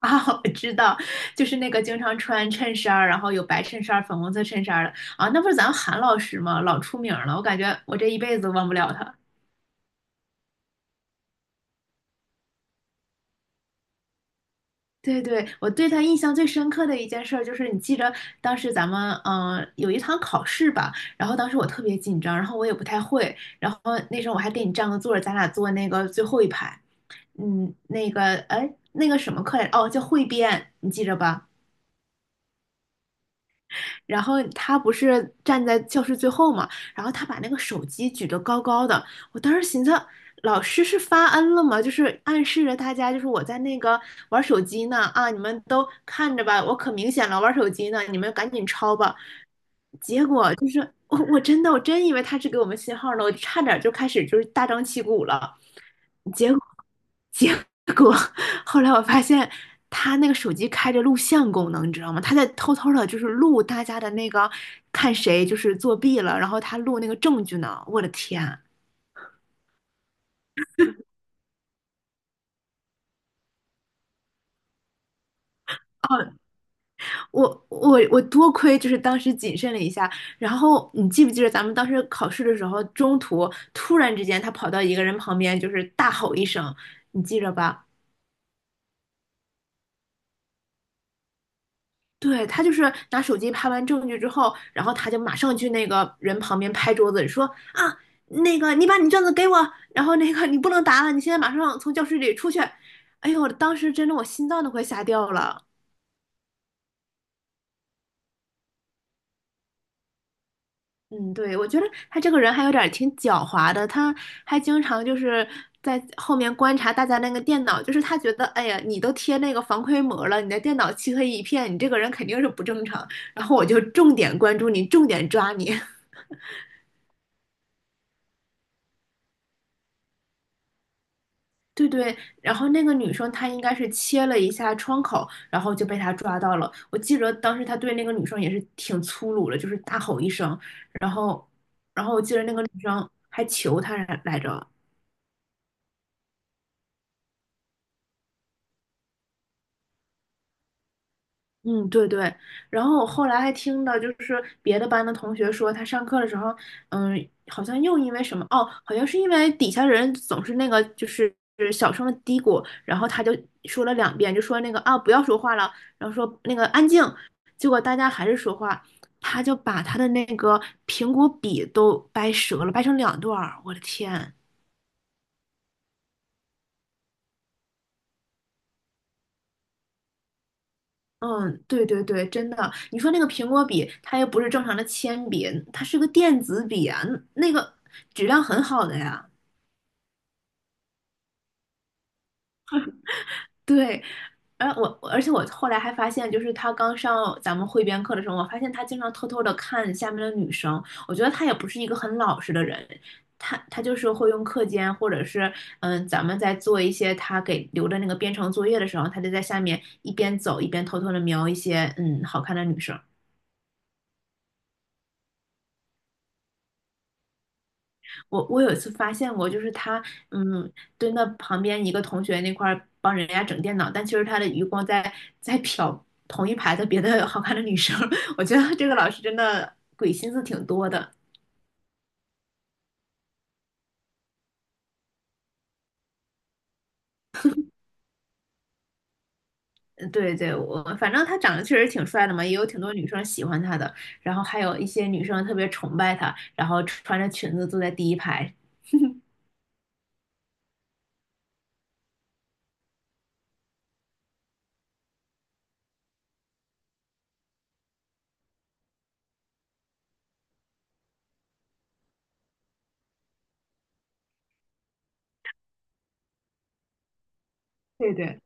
啊，我知道，就是那个经常穿衬衫儿，然后有白衬衫儿、粉红色衬衫儿的啊，那不是咱们韩老师吗？老出名儿了，我感觉我这一辈子都忘不了他。对对，我对他印象最深刻的一件事儿就是，你记着当时咱们有一堂考试吧，然后当时我特别紧张，然后我也不太会，然后那时候我还给你占个座儿，咱俩坐那个最后一排，那个什么课来着哦，叫汇编，你记着吧？然后他不是站在教室最后嘛，然后他把那个手机举得高高的，我当时寻思，老师是发恩了吗？就是暗示着大家，就是我在那个玩手机呢啊，你们都看着吧，我可明显了，玩手机呢，你们赶紧抄吧。结果就是我真的我以为他是给我们信号呢，我差点就开始就是大张旗鼓了。结果结果后来我发现他那个手机开着录像功能，你知道吗？他在偷偷的，就是录大家的那个看谁就是作弊了，然后他录那个证据呢。我的天啊！哦，我多亏就是当时谨慎了一下，然后你记不记得咱们当时考试的时候，中途突然之间他跑到一个人旁边，就是大吼一声，你记着吧？对，他就是拿手机拍完证据之后，然后他就马上去那个人旁边拍桌子说啊，那个你把你卷子给我，然后那个你不能答了，你现在马上从教室里出去。哎呦，当时真的我心脏都快吓掉了。嗯，对，我觉得他这个人还有点儿挺狡猾的，他还经常就是在后面观察大家那个电脑，就是他觉得，哎呀，你都贴那个防窥膜了，你的电脑漆黑一片，你这个人肯定是不正常，然后我就重点关注你，重点抓你。对对，然后那个女生她应该是切了一下窗口，然后就被他抓到了。我记得当时他对那个女生也是挺粗鲁的，就是大吼一声，然后，然后我记得那个女生还求他来着。嗯，对对，然后我后来还听到，就是别的班的同学说，他上课的时候，嗯，好像又因为什么，哦，好像是因为底下人总是那个，就是小声的嘀咕，然后他就说了2遍，就说那个啊，不要说话了，然后说那个安静，结果大家还是说话，他就把他的那个苹果笔都掰折了，掰成2段儿，我的天！嗯，对对对，真的。你说那个苹果笔，它又不是正常的铅笔，它是个电子笔啊，那个质量很好的呀。对，而且我后来还发现，就是他刚上咱们汇编课的时候，我发现他经常偷偷的看下面的女生。我觉得他也不是一个很老实的人，他就是会用课间或者是咱们在做一些他给留的那个编程作业的时候，他就在下面一边走一边偷偷的瞄一些好看的女生。我有一次发现过，就是他，嗯，蹲到旁边一个同学那块儿帮人家整电脑，但其实他的余光在瞟同一排的别的好看的女生。我觉得这个老师真的鬼心思挺多的。嗯对对，我反正他长得确实挺帅的嘛，也有挺多女生喜欢他的，然后还有一些女生特别崇拜他，然后穿着裙子坐在第一排。对对。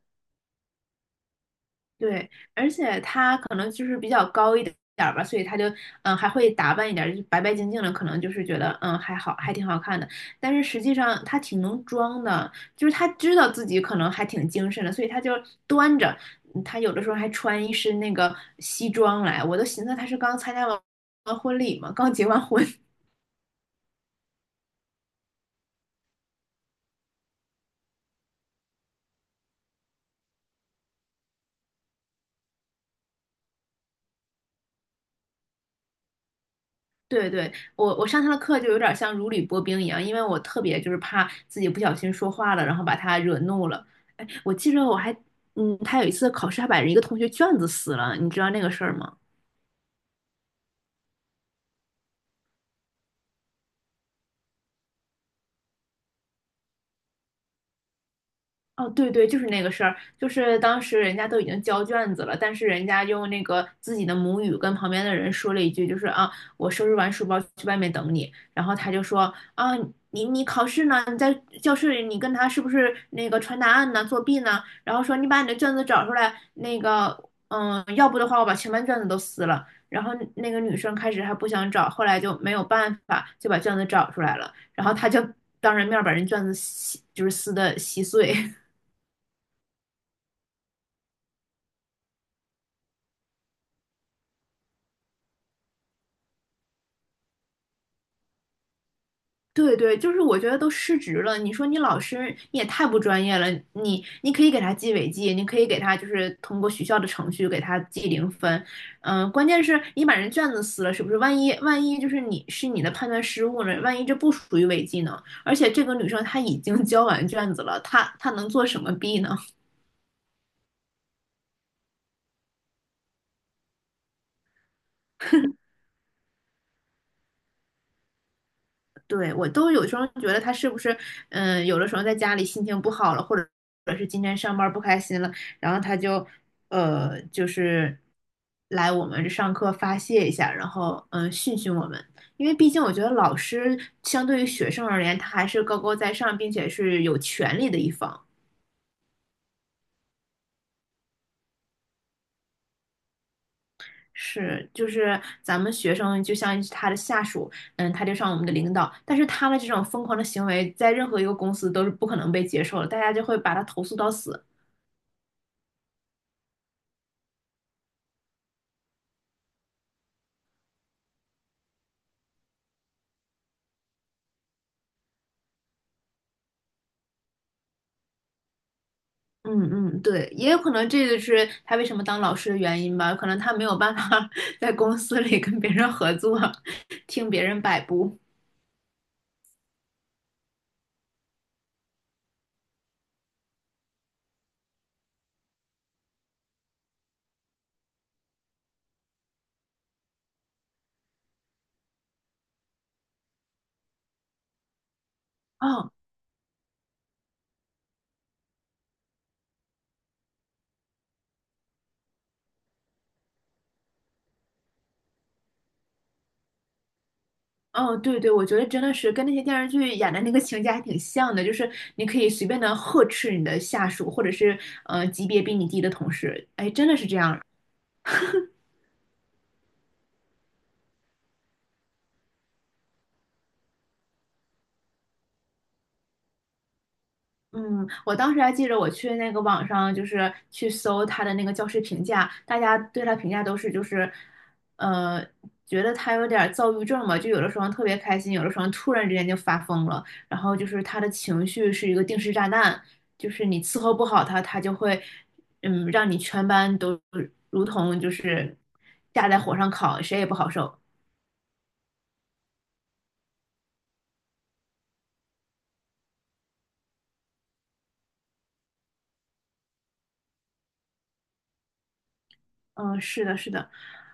对，而且他可能就是比较高一点儿吧，所以他就还会打扮一点儿，就是白白净净的，可能就是觉得还好，还挺好看的。但是实际上他挺能装的，就是他知道自己可能还挺精神的，所以他就端着，他有的时候还穿一身那个西装来，我都寻思他是刚参加完婚礼嘛，刚结完婚。对对，我上他的课就有点像如履薄冰一样，因为我特别就是怕自己不小心说话了，然后把他惹怒了。哎，我记着我还，他有一次考试还把人一个同学卷子撕了，你知道那个事儿吗？哦，对对，就是那个事儿，就是当时人家都已经交卷子了，但是人家用那个自己的母语跟旁边的人说了一句，就是啊，我收拾完书包去外面等你，然后他就说啊，你考试呢？你在教室里，你跟他是不是那个传答案呢？作弊呢？然后说你把你的卷子找出来，那个要不的话我把全班卷子都撕了。然后那个女生开始还不想找，后来就没有办法，就把卷子找出来了，然后他就当着面把人卷子撕，就是撕的稀碎。对对，就是我觉得都失职了。你说你老师你也太不专业了，你可以给他记违纪，你可以给他就是通过学校的程序给他记零分，关键是你把人卷子撕了，是不是？万一就是你的判断失误了，万一这不属于违纪呢？而且这个女生她已经 交完卷子了，她能做什么弊呢？对，我都有时候觉得他是不是，有的时候在家里心情不好了，或者是今天上班不开心了，然后他就，就是来我们这上课发泄一下，然后训训我们，因为毕竟我觉得老师相对于学生而言，他还是高高在上，并且是有权利的一方。是，就是咱们学生就像他的下属，他就像我们的领导，但是他的这种疯狂的行为，在任何一个公司都是不可能被接受的，大家就会把他投诉到死。嗯嗯，对，也有可能这个是他为什么当老师的原因吧，可能他没有办法 在公司里跟别人合作，听别人摆布。哦哦，对对，我觉得真的是跟那些电视剧演的那个情节还挺像的，就是你可以随便的呵斥你的下属，或者是级别比你低的同事，哎，真的是这样。嗯，我当时还记着，我去那个网上就是去搜他的那个教师评价，大家对他评价都是就是，呃，觉得他有点儿躁郁症嘛，就有的时候特别开心，有的时候突然之间就发疯了，然后就是他的情绪是一个定时炸弹，就是你伺候不好他，他就会，让你全班都如同就是架在火上烤，谁也不好受。嗯，是的，是的，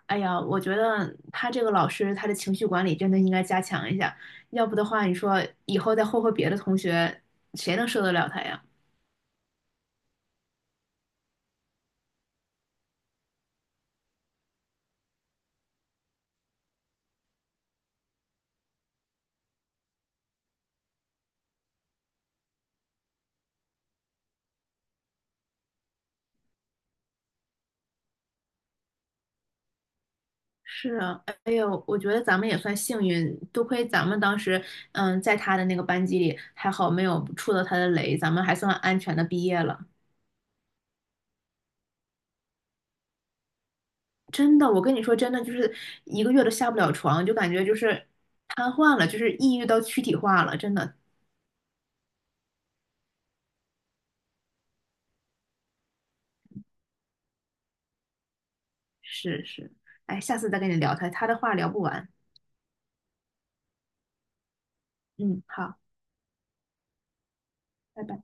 哎呀，我觉得他这个老师他的情绪管理真的应该加强一下，要不的话，你说以后再霍霍别的同学，谁能受得了他呀？是啊，哎呦，我觉得咱们也算幸运，多亏咱们当时，在他的那个班级里，还好没有触到他的雷，咱们还算安全的毕业了。真的，我跟你说，真的就是1个月都下不了床，就感觉就是瘫痪了，就是抑郁到躯体化了，真的是是。哎，下次再跟你聊他，他的话聊不完。嗯，好，拜拜。